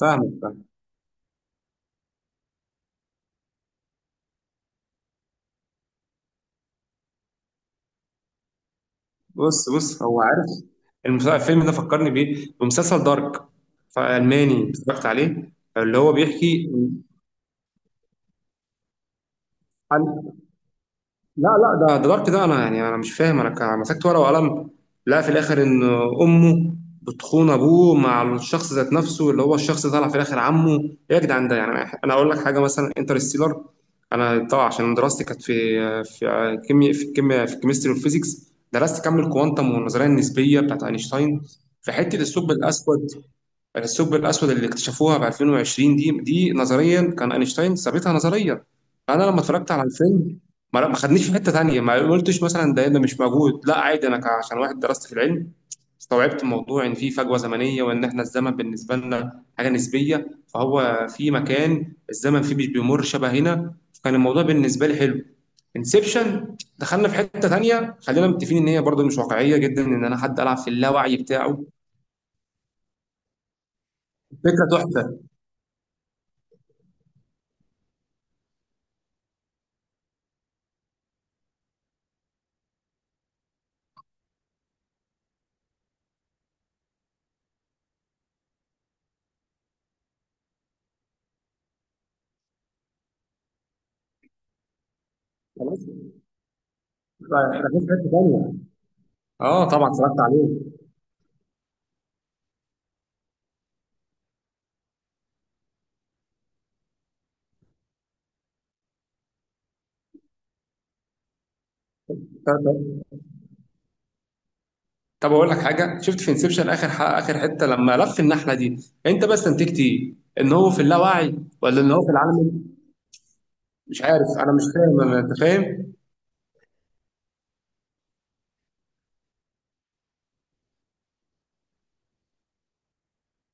فاهمك فاهم. بص بص، هو عارف. الفيلم ده فكرني بيه بمسلسل دارك فألماني، اتفرجت عليه اللي هو بيحكي. لا لا، ده ضبط. ده انا يعني انا مش فاهم، انا مسكت ورقه وقلم. لا، في الاخر ان امه بتخون ابوه مع الشخص ذات نفسه، اللي هو الشخص ده طلع في الاخر عمه. ايه يا جدعان ده؟ يعني انا اقول لك حاجه، مثلا انترستيلر، انا طبعا عشان دراستي كانت في في كيمياء، في الكيمياء في الكيمستري والفيزيكس، درست كم الكوانتم والنظريه النسبيه بتاعت اينشتاين في حته الثقب الاسود. الثقب الأسود اللي اكتشفوها في 2020 دي نظريا، كان أينشتاين ثابتها نظريا. فأنا لما اتفرجت على الفيلم، ما خدنيش في حتة تانية، ما قلتش مثلا ده مش موجود، لا عادي. أنا عشان واحد درست في العلم، استوعبت موضوع إن في فجوة زمنية، وإن إحنا الزمن بالنسبة لنا حاجة نسبية. فهو في مكان الزمن فيه مش بيمر شبه هنا، فكان الموضوع بالنسبة لي حلو. انسبشن دخلنا في حتة تانية، خلينا متفقين إن هي برضه مش واقعية جدا، إن أنا حد ألعب في اللاوعي بتاعه، فكرة تحفة. ده في حته ثانيه. اه طبعا اتفرجت عليه. طب، اقول لك حاجه، شفت في انسبشن اخر اخر حته لما لف النحله دي، انت بس استنتجت ايه؟ ان هو في اللاوعي، ولا ان هو في العالم؟ مش عارف، انا مش فاهم. انت فاهم؟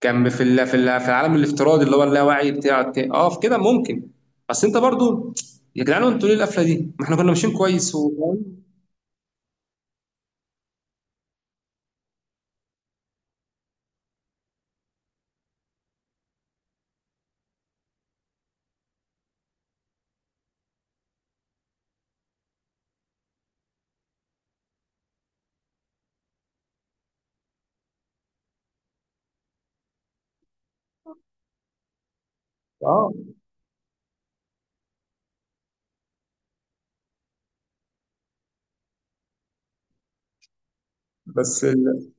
كان في في العالم الافتراضي، اللي هو اللاوعي بتاع. اه في كده ممكن، بس انت برضو، يا جدعان انتوا ليه القفله دي؟ ما احنا كنا ماشيين كويس و... اه. بس ال...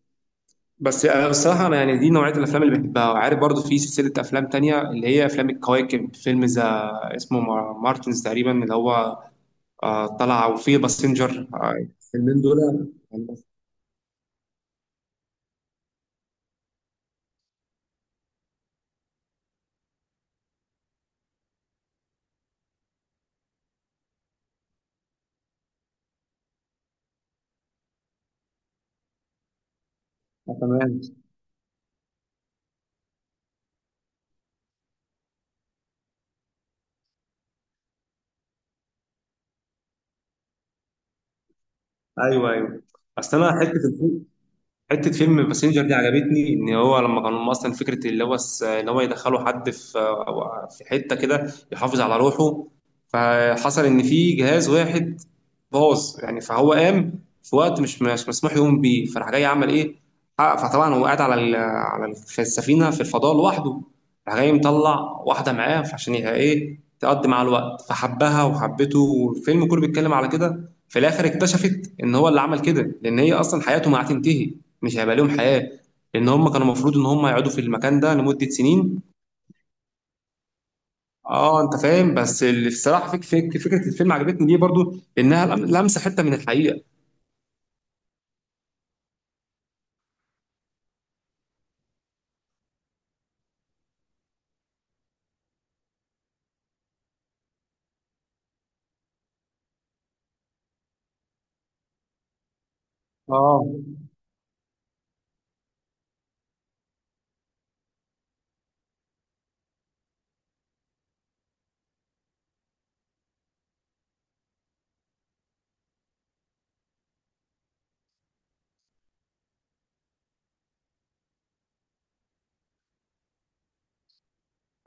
بس أنا الصراحة، أنا يعني دي نوعية الأفلام اللي بحبها. وعارف برضو في سلسلة أفلام تانية اللي هي أفلام الكواكب، فيلم ذا اسمه مارتنز تقريبا اللي هو طلع، وفيه باسنجر. الفيلمين دول يعني تمام. أيوه أيوه، أصل أنا حته فيلم باسنجر دي عجبتني. ان هو لما كانوا اصلا فكره اللي هو ان هو يدخلوا حد في، أو في حته كده، يحافظ على روحه. فحصل ان في جهاز واحد باظ يعني، فهو قام في وقت مش مسموح يقوم بيه، فراح جاي عمل ايه؟ فطبعا هو قاعد على في السفينه في الفضاء لوحده. راح جاي مطلع واحده معاه عشان يبقى ايه، تقضي مع الوقت، فحبها وحبته. والفيلم كله بيتكلم على كده، في الاخر اكتشفت ان هو اللي عمل كده لان هي اصلا حياته ما هتنتهي، مش هيبقى ليهم حياة، لأن هم كانوا المفروض إن هم يقعدوا في المكان ده لمدة سنين. أه، أنت فاهم. بس اللي الصراحة، فك فك فكرة الفيلم عجبتني ليه برضو؟ إنها لمسة حتة من الحقيقة. أه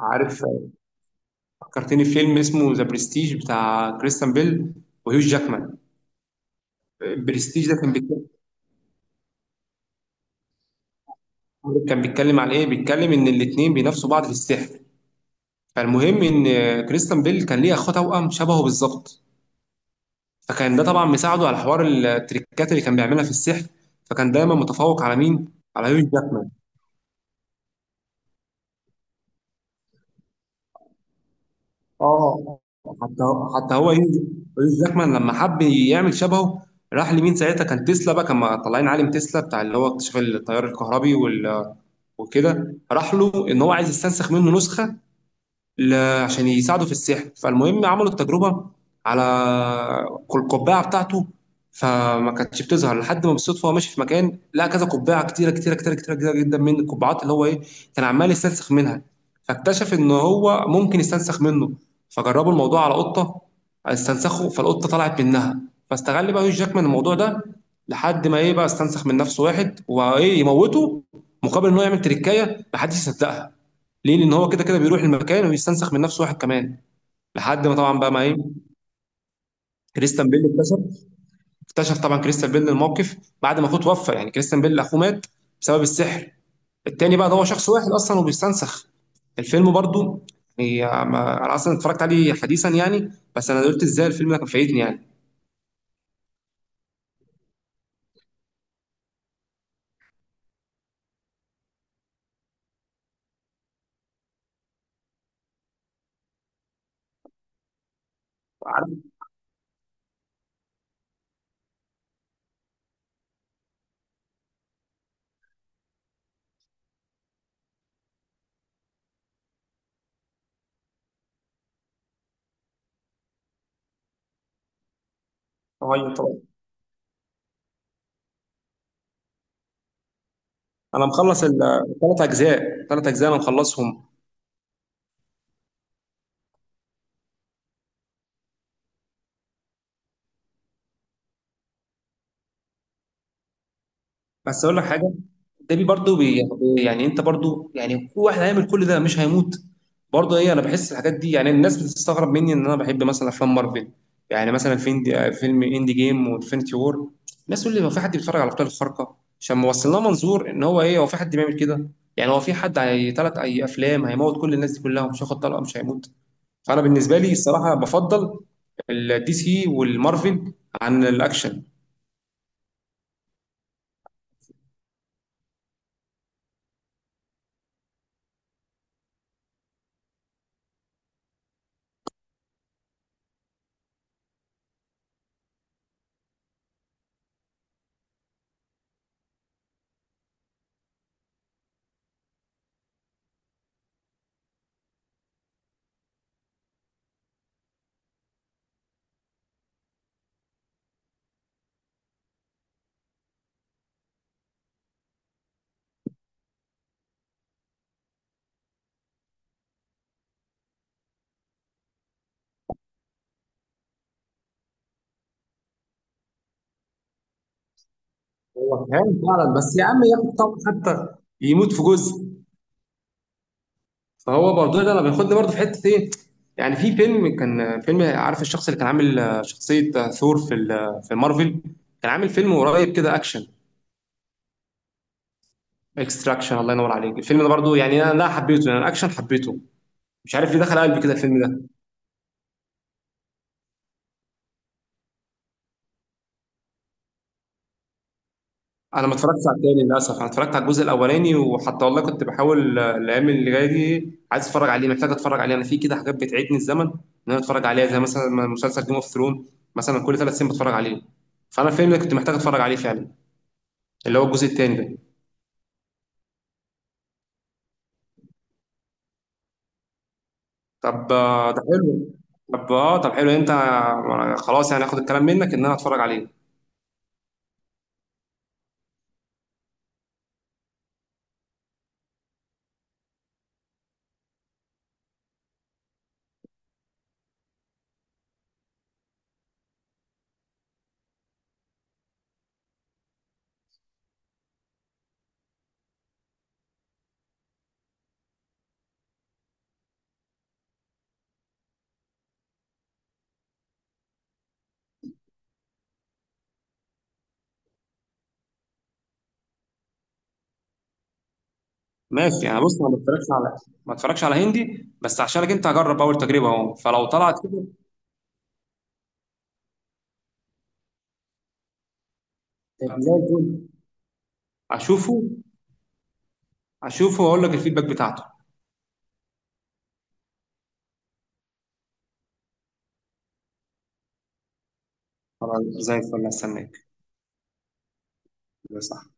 عارف، فكرتني في فيلم اسمه ذا برستيج، بتاع كريستيان بيل وهيو جاكمان. برستيج ده كان بيتكلم، كان بيتكلم عن إيه؟ بيتكلم إن الاتنين بينافسوا بعض في السحر. فالمهم إن كريستيان بيل كان ليه أخوه توأم شبهه بالظبط، فكان ده طبعا مساعده على حوار التريكات اللي كان بيعملها في السحر. فكان دايما متفوق على مين؟ على يوش جاكمان. حتى حتى هو يوش، يوش جاكمان لما حب يعمل شبهه، راح لمين ساعتها؟ كان تسلا بقى، كان طالعين عالم تسلا بتاع اللي هو اكتشاف التيار الكهربي وكده، راح له ان هو عايز يستنسخ منه نسخه ل- عشان يساعده في السحر. فالمهم عملوا التجربة على القبعة بتاعته، فما كانتش بتظهر لحد ما بالصدفة هو ماشي في مكان لقى كذا قبعة، كتيرة كتيرة كتيرة كتيرة كتيرة جدا، من القبعات اللي هو إيه، كان عمال يستنسخ منها. فاكتشف إن هو ممكن يستنسخ منه. فجربوا الموضوع على قطة، استنسخوا، فالقطة طلعت منها. فاستغل بقى هيو جاكمان الموضوع ده، لحد ما إيه بقى، استنسخ من نفسه واحد وإيه، يموته، مقابل إن هو يعمل تريكاية محدش يصدقها. ليه؟ لأن هو كده كده بيروح المكان ويستنسخ من نفسه واحد كمان. لحد ما طبعا بقى ما إيه، كريستيان بيل اكتشف، طبعا كريستيان بيل الموقف بعد ما أخوه توفى. يعني كريستيان بيل أخوه مات بسبب السحر. التاني بقى ده هو شخص واحد أصلا وبيستنسخ. الفيلم برضو يعني أنا أصلا اتفرجت عليه حديثا يعني. بس أنا قلت إزاي الفيلم ده كان فايتني يعني. طبعا طبعا، أنا مخلص الثلاث أجزاء، ثلاث أجزاء أنا مخلصهم. بس اقول لك حاجه، ده بي برضه بي، يعني انت برضه يعني، هو واحد هيعمل كل ده مش هيموت؟ برضه ايه، انا بحس الحاجات دي. يعني الناس بتستغرب مني ان انا بحب مثلا افلام مارفل، يعني مثلا فين؟ فيلم اندي جيم وانفينيتي وور. الناس تقول لي هو في حد بيتفرج على ابطال الخارقه؟ عشان ما وصلنا منظور ان هو ايه، هو في حد بيعمل كده؟ يعني هو في حد، هي ثلاث اي افلام هيموت كل الناس دي كلها، ومش هياخد طلقه مش هيموت؟ فانا بالنسبه لي الصراحه، بفضل الدي سي والمارفل عن الاكشن. هو كان فعلا، بس يا عم ياخد طب، حتى يموت في جزء. فهو برضه ده انا بياخدني برضه في حته ايه، يعني في فيلم، كان فيلم، عارف الشخص اللي كان عامل شخصيه ثور في في مارفل، كان عامل فيلم قريب كده اكشن، اكستراكشن. الله ينور عليك، الفيلم ده برضه يعني انا لا حبيته، يعني الاكشن حبيته، مش عارف ليه دخل قلبي كده الفيلم ده. انا ما اتفرجتش على التاني للاسف، انا اتفرجت على الجزء الاولاني، وحتى والله كنت بحاول الايام اللي جايه دي عايز اتفرج عليه، محتاج اتفرج عليه. انا في كده حاجات بتعيدني الزمن، ان انا اتفرج عليها، زي مثلا مسلسل جيم اوف ثرون، مثلا كل ثلاث سنين بتفرج عليه. فانا الفيلم ده كنت محتاج اتفرج عليه فعلا، اللي هو الجزء التاني ده. طب ده حلو. طب اه طب حلو، انت خلاص يعني، هاخد الكلام منك ان انا اتفرج عليه. ماشي يعني، بص انا ما اتفرجش على هندي، بس عشانك انت هجرب اول تجربه اهو، فلو طلعت كده زي الفل، اشوفه اشوفه واقول لك الفيدباك بتاعته. خلاص زي الفل، استناك. صح.